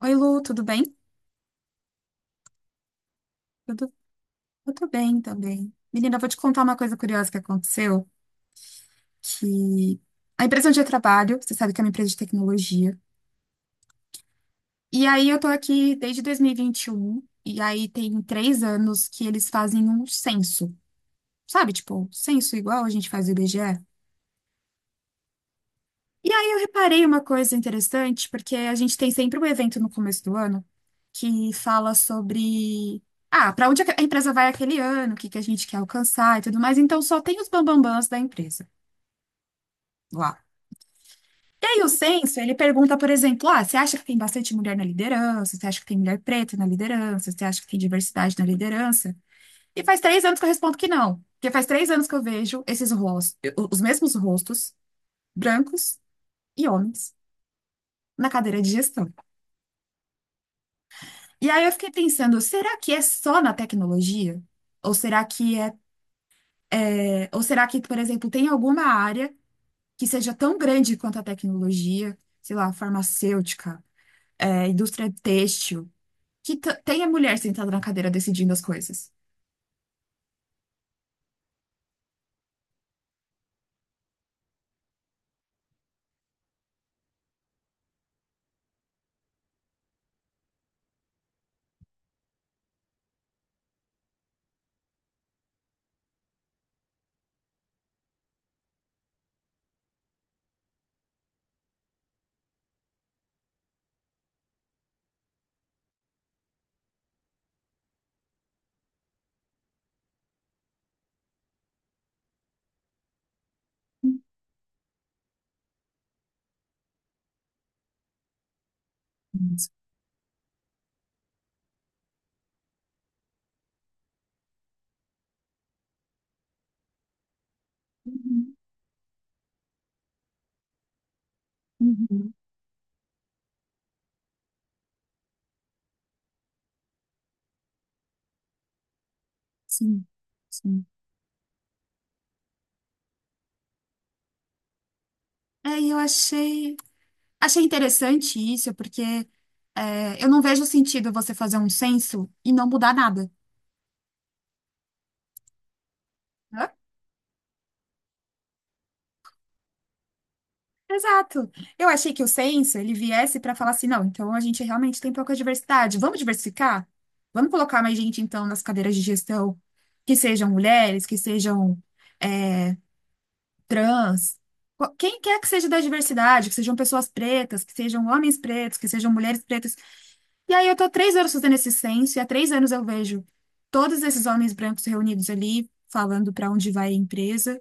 Oi, Lu, tudo bem? Eu tô, eu tô bem também. Menina, eu vou te contar uma coisa curiosa que aconteceu, que a empresa onde eu trabalho, você sabe que é uma empresa de tecnologia, e aí eu tô aqui desde 2021, e vinte e um, e aí tem 3 anos que eles fazem um censo, sabe? Tipo, censo igual a gente faz o IBGE. E aí eu reparei uma coisa interessante, porque a gente tem sempre um evento no começo do ano que fala sobre, ah, para onde a empresa vai aquele ano, o que que a gente quer alcançar e tudo mais. Então só tem os bambambãs da empresa lá. E aí o censo, ele pergunta, por exemplo, ah, você acha que tem bastante mulher na liderança? Você acha que tem mulher preta na liderança? Você acha que tem diversidade na liderança? E faz 3 anos que eu respondo que não. Porque faz 3 anos que eu vejo esses rostos, os mesmos rostos, brancos e homens, na cadeira de gestão. E aí eu fiquei pensando, será que é só na tecnologia? Ou será que é, ou será que, por exemplo, tem alguma área que seja tão grande quanto a tecnologia, sei lá, farmacêutica, é, indústria têxtil, que tenha mulher sentada na cadeira decidindo as coisas? Uhum, uhum, sim, sim. É, e eu achei interessante isso, porque é, eu não vejo sentido você fazer um censo e não mudar nada, né? Exato. Eu achei que o censo ele viesse para falar assim, não, então a gente realmente tem pouca diversidade. Vamos diversificar? Vamos colocar mais gente então nas cadeiras de gestão, que sejam mulheres, que sejam é, trans, quem quer que seja da diversidade, que sejam pessoas pretas, que sejam homens pretos, que sejam mulheres pretas. E aí eu tô 3 anos fazendo esse censo e há 3 anos eu vejo todos esses homens brancos reunidos ali falando para onde vai a empresa.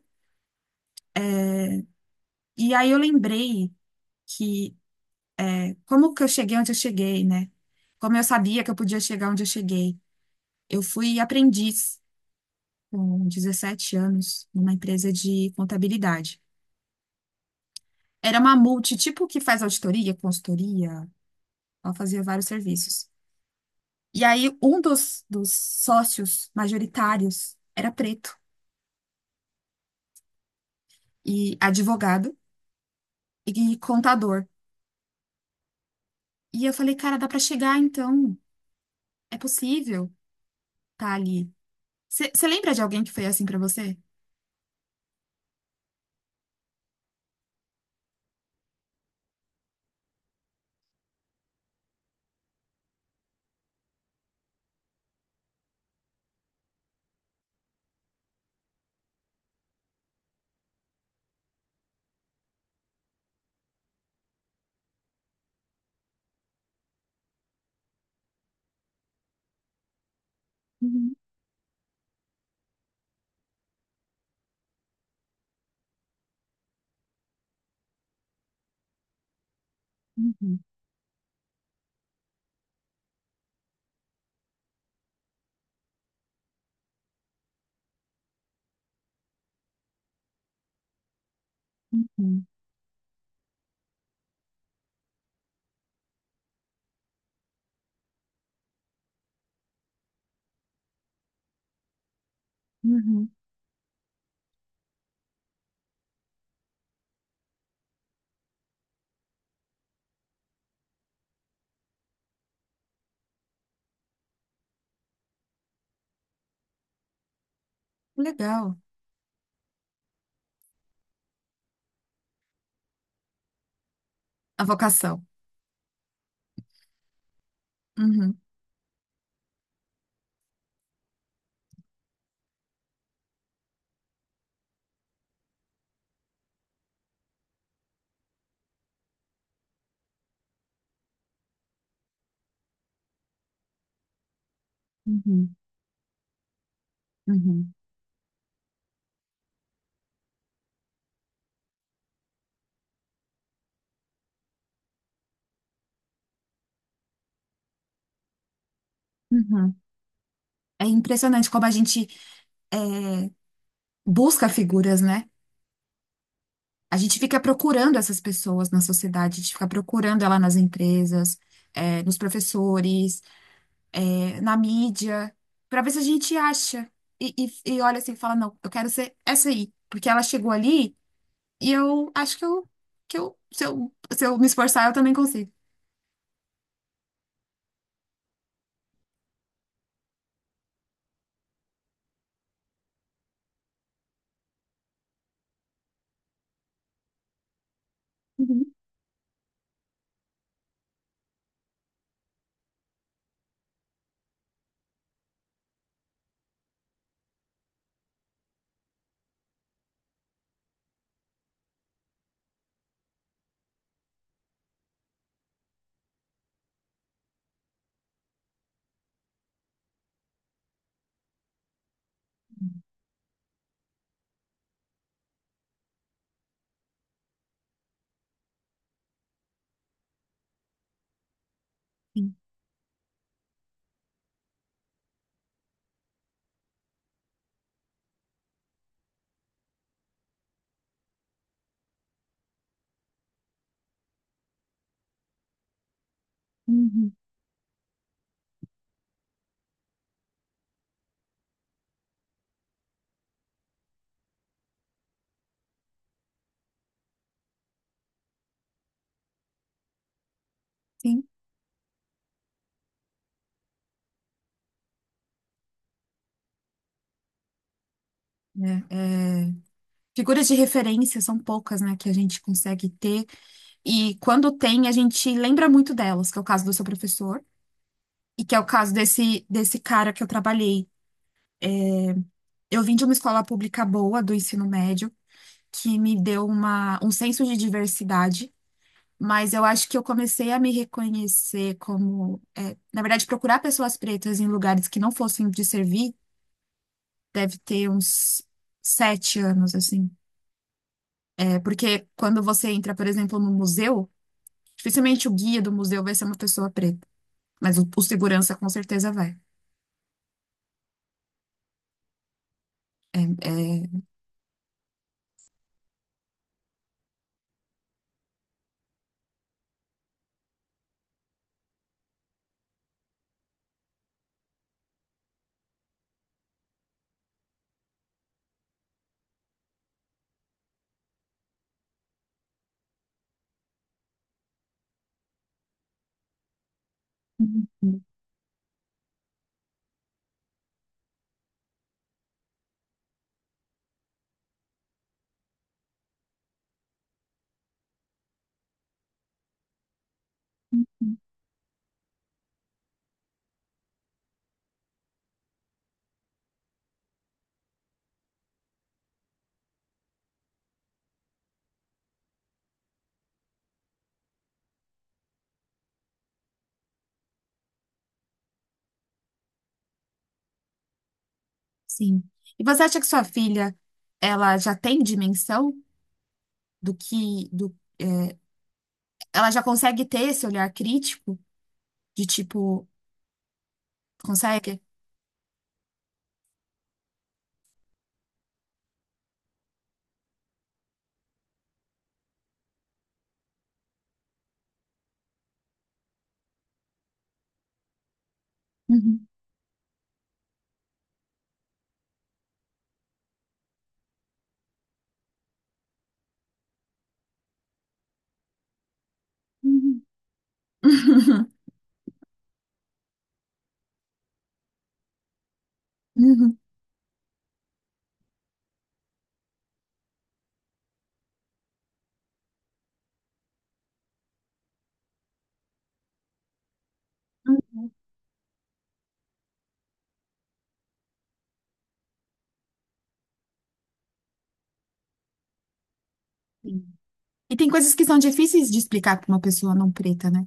E aí eu lembrei que como que eu cheguei onde eu cheguei, né? Como eu sabia que eu podia chegar onde eu cheguei. Eu fui aprendiz com 17 anos numa empresa de contabilidade. Era uma multi, tipo que faz auditoria, consultoria, ela fazia vários serviços. E aí um dos sócios majoritários era preto e advogado e contador. E eu falei, cara, dá pra chegar então, é possível, tá ali. Você lembra de alguém que foi assim pra você? Uhum, uhum, uhum, uhum. Legal. A vocação. Uhum, uhum, uhum, uhum. É impressionante como a gente é, busca figuras, né? A gente fica procurando essas pessoas na sociedade, a gente fica procurando ela nas empresas, é, nos professores, é, na mídia, para ver se a gente acha. E, e olha assim, e fala, não, eu quero ser essa aí, porque ela chegou ali e eu acho que eu, se eu, se eu me esforçar, eu também consigo. Uhum, sim, uhum, sim. É, é, figuras de referência são poucas, né, que a gente consegue ter. E quando tem, a gente lembra muito delas, que é o caso do seu professor, e que é o caso desse cara que eu trabalhei. Eu vim de uma escola pública boa do ensino médio, que me deu uma, um senso de diversidade, mas eu acho que eu comecei a me reconhecer como, é, na verdade, procurar pessoas pretas em lugares que não fossem de servir, deve ter uns 7 anos, assim. É, porque quando você entra, por exemplo, no museu, dificilmente o guia do museu vai ser uma pessoa preta, mas o segurança com certeza vai. Uhum. Sim. E você acha que sua filha, ela já tem dimensão do que, do, é, ela já consegue ter esse olhar crítico de tipo, consegue? Uhum. Uhum. Uhum. Uhum. Sim. E tem coisas que são difíceis de explicar para uma pessoa não preta, né?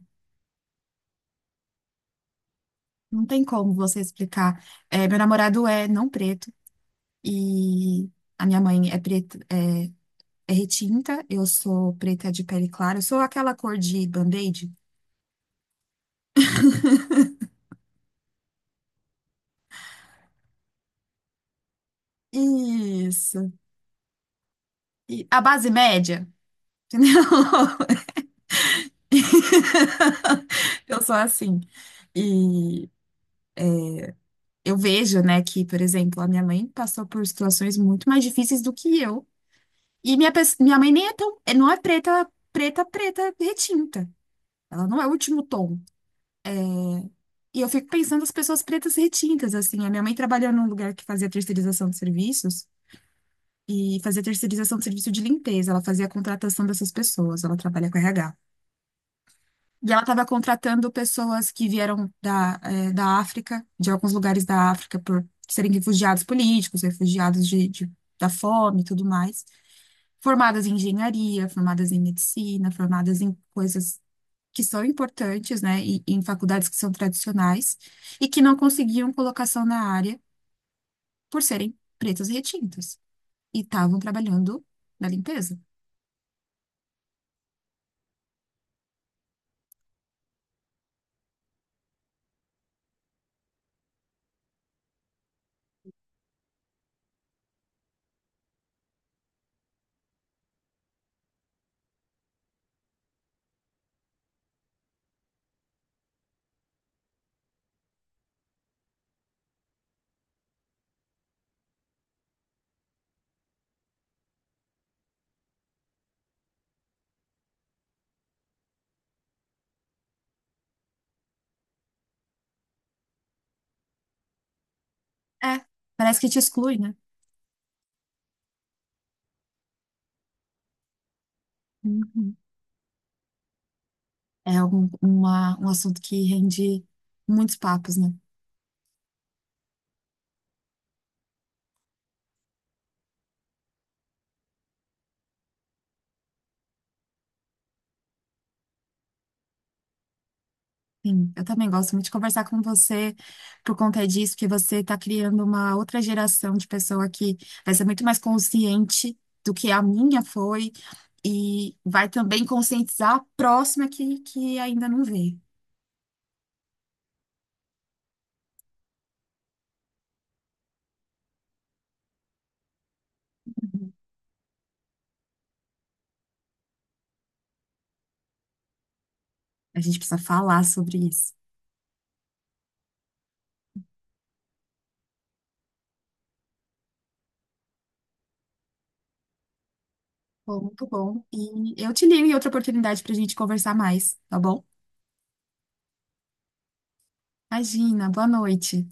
Não tem como você explicar. É, meu namorado é não preto e a minha mãe é preta, é, é retinta, eu sou preta de pele clara, eu sou aquela cor de band-aid. Isso. E a base média, entendeu? Eu sou assim. E eu vejo, né, que, por exemplo, a minha mãe passou por situações muito mais difíceis do que eu. E minha mãe nem é tão, é, não é preta, preta, preta retinta. Ela não é o último tom. E eu fico pensando as pessoas pretas retintas, assim. A minha mãe trabalhou num lugar que fazia terceirização de serviços, e fazia terceirização de serviço de limpeza. Ela fazia a contratação dessas pessoas, ela trabalha com RH. E ela estava contratando pessoas que vieram da África, de alguns lugares da África, por serem refugiados políticos, refugiados da fome e tudo mais. Formadas em engenharia, formadas em medicina, formadas em coisas que são importantes, né, e em faculdades que são tradicionais, e que não conseguiam colocação na área por serem pretas e retintas, e estavam trabalhando na limpeza. É, parece que te exclui, né? Uhum. É algum, uma, um assunto que rende muitos papos, né? Sim, eu também gosto muito de conversar com você por conta disso, porque você está criando uma outra geração de pessoa que vai ser muito mais consciente do que a minha foi e vai também conscientizar a próxima que ainda não vê. Uhum. A gente precisa falar sobre isso. Bom, muito bom. E eu te ligo em outra oportunidade para a gente conversar mais, tá bom? Imagina, boa noite.